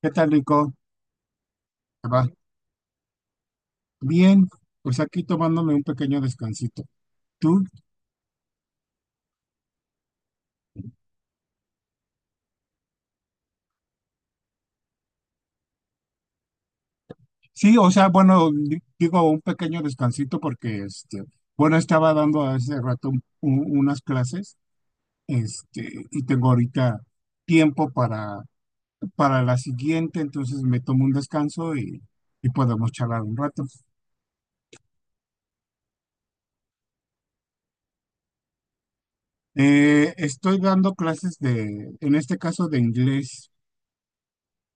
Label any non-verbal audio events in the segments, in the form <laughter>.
¿Qué tal, Nico? ¿Te va? Bien, pues aquí tomándome un pequeño descansito. ¿Tú? Sí, o sea, bueno, digo un pequeño descansito porque, bueno, estaba dando hace rato unas clases, y tengo ahorita tiempo para la siguiente, entonces me tomo un descanso y podemos charlar un rato. Estoy dando clases de, en este caso de inglés,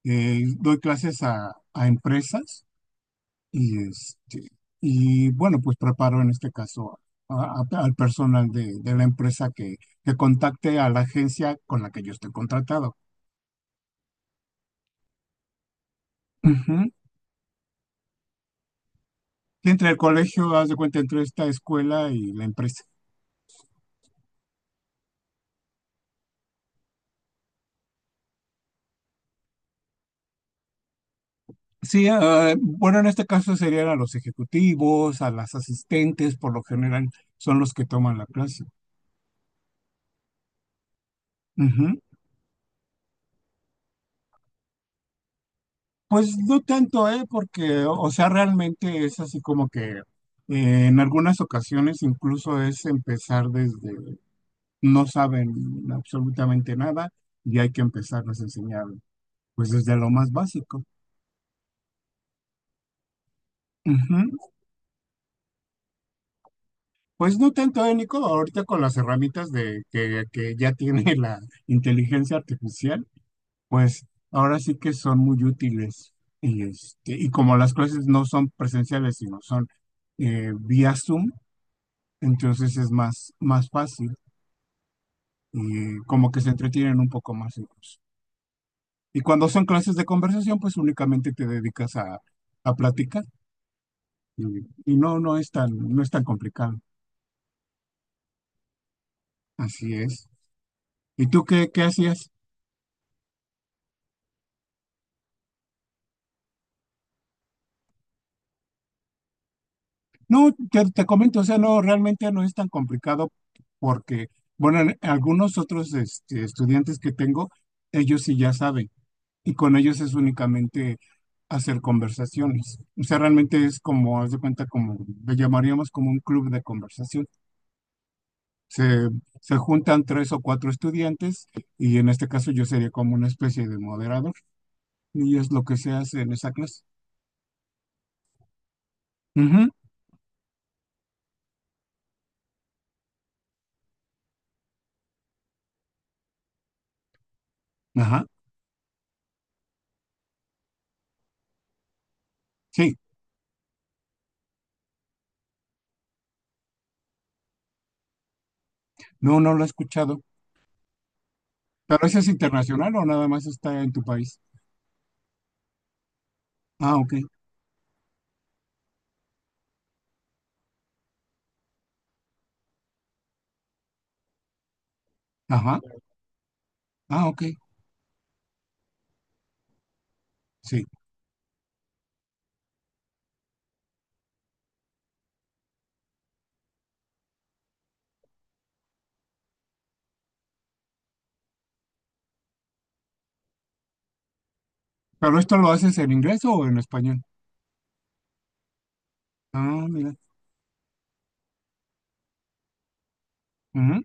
doy clases a empresas. Y, este, y bueno, pues preparo en este caso al personal de la empresa que contacte a la agencia con la que yo estoy contratado. Ujú. Entre el colegio, haz de cuenta, entre esta escuela y la empresa. Sí, ah, bueno, en este caso serían a los ejecutivos, a las asistentes, por lo general son los que toman la clase. Ujú. Pues no tanto, ¿eh? Porque, o sea, realmente es así como que en algunas ocasiones incluso es empezar desde, no saben absolutamente nada y hay que empezarles a enseñar, pues desde lo más básico. Ujú. Pues no tanto, Nico, ahorita con las herramientas de que ya tiene <laughs> la inteligencia artificial, pues ahora sí que son muy útiles. Y como las clases no son presenciales, sino son vía Zoom, entonces es más fácil y como que se entretienen un poco más ellos. Y cuando son clases de conversación, pues únicamente te dedicas a platicar. Y y no, no es tan complicado. Así es. ¿Y tú qué hacías? No, te comento, o sea, no, realmente no es tan complicado porque, bueno, algunos otros estudiantes que tengo, ellos sí ya saben y con ellos es únicamente hacer conversaciones. O sea, realmente es como, haz de cuenta, como le llamaríamos como un club de conversación. Se, se juntan tres o cuatro estudiantes y en este caso yo sería como una especie de moderador y es lo que se hace en esa clase. Ujú. Ajá, sí, no, no lo he escuchado. ¿Pero ese es internacional o nada más está en tu país? Ah, ok, ajá, ah, ok, sí. ¿Pero esto lo haces en inglés o en español? Ah, mira, ujú,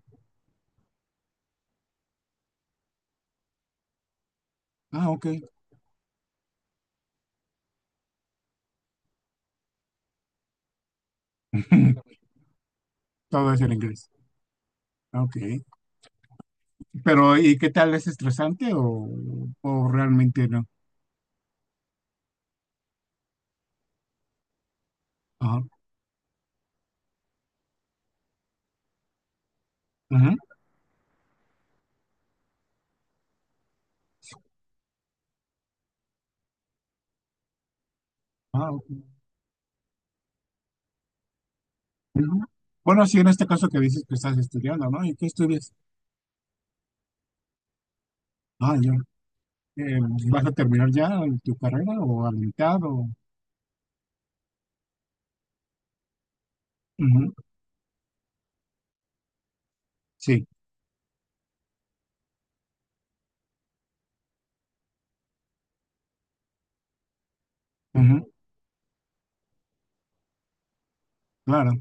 ah, ok. <laughs> Todo es en inglés, ok. ¿Pero y qué tal, es estresante o realmente no? Ajá, ujú, ah, ok, ujú. Bueno, sí, en este caso que dices que estás estudiando, ¿no? ¿Y qué estudias? Ah, ya, eh, ¿vas a terminar ya tu carrera o a la mitad o...? Ujú. Sí. Ujú, claro.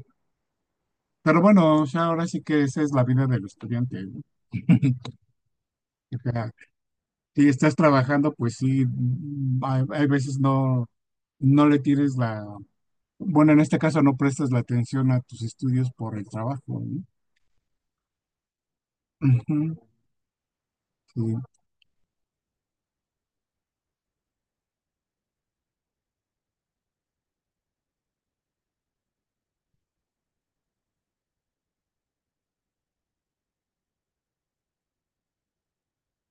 Pero bueno, o sea, ahora sí que esa es la vida del estudiante, ¿no? <laughs> O sea, si estás trabajando, pues sí, hay veces no le tienes la, bueno, en este caso no prestas la atención a tus estudios por el trabajo, ¿no? Ujú, sí.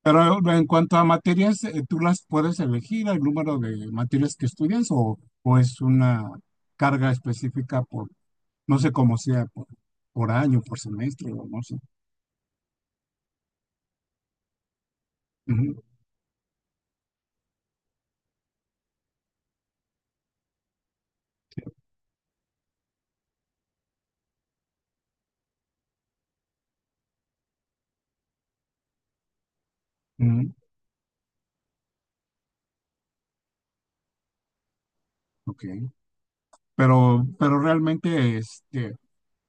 Pero en cuanto a materias, ¿tú las puedes elegir el número de materias que estudias o es una carga específica por, no sé cómo sea, por año, por semestre o no sé? Ujú, ujú, ok. Pero realmente,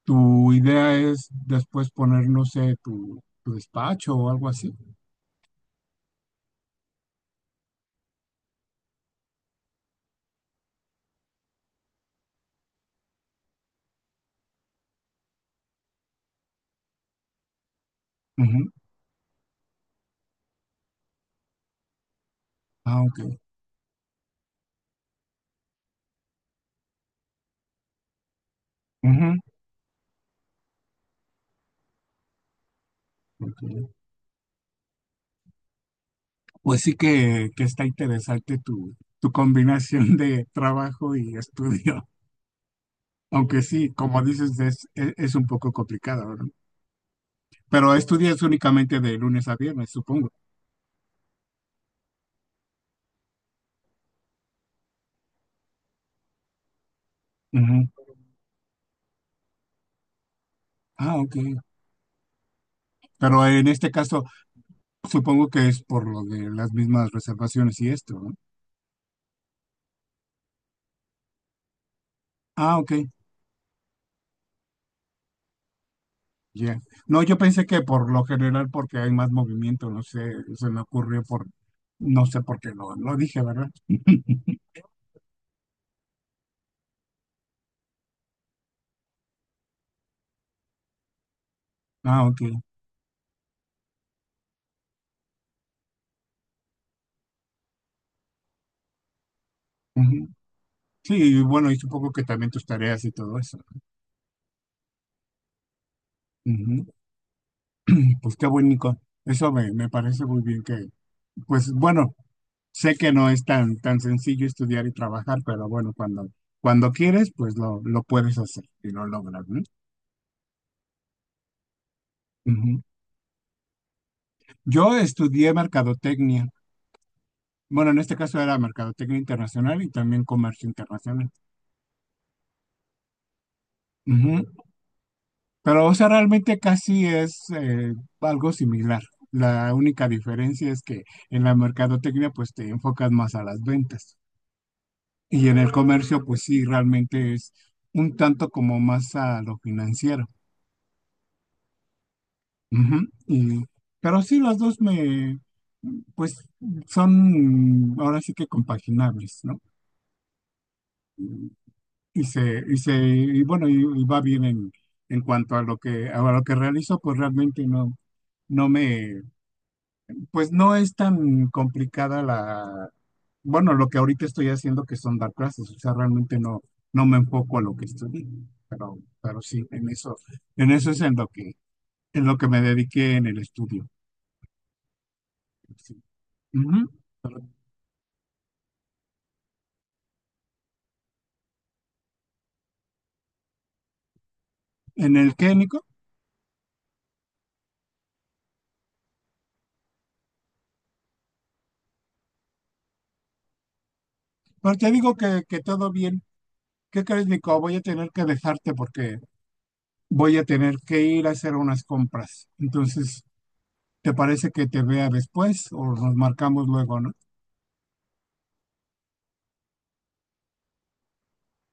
tu idea es después poner, no sé, tu despacho o algo así. Ujú. Ah, ok. Ujú, ok. Pues sí que está interesante tu combinación de trabajo y estudio. <laughs> Aunque sí, como dices, es un poco complicado, ¿verdad? Pero estudias únicamente de lunes a viernes, supongo. Ujú. Ah, ok. Pero en este caso, supongo que es por lo de las mismas reservaciones y esto, ¿no? Ah, ok. Ya. No, yo pensé que por lo general porque hay más movimiento, no sé, se me ocurrió por, no sé por qué lo dije, ¿verdad? <laughs> Ah, ok. Ujú. Sí, y bueno, y supongo que también tus tareas y todo eso. Ujú. Y pues qué bonito. Eso me parece muy bien que, pues bueno, sé que no es tan sencillo estudiar y trabajar, pero bueno, cuando quieres, pues lo puedes hacer y lo logras, ¿no? Ujú. Yo estudié mercadotecnia. Bueno, en este caso era mercadotecnia internacional y también comercio internacional. Ujú. Pero, o sea, realmente casi es algo similar. La única diferencia es que en la mercadotecnia pues te enfocas más a las ventas y en el comercio pues sí, realmente es un tanto como más a lo financiero. Ujú. Pero sí, las dos me pues son ahora sí que compaginables, ¿no? Y se, y bueno, y va bien en cuanto a lo que realizo, pues realmente no me, pues no es tan complicada la, bueno, lo que ahorita estoy haciendo que son dar clases, o sea, realmente no me enfoco a lo que estudié, pero, pero, sí, en eso es en lo que me dediqué en el estudio. Sí. Ujú. ¿En el qué, Nico? Pues te digo que todo bien. ¿Qué crees, Nico? Voy a tener que dejarte porque voy a tener que ir a hacer unas compras. Entonces, ¿te parece que te vea después o nos marcamos luego, no?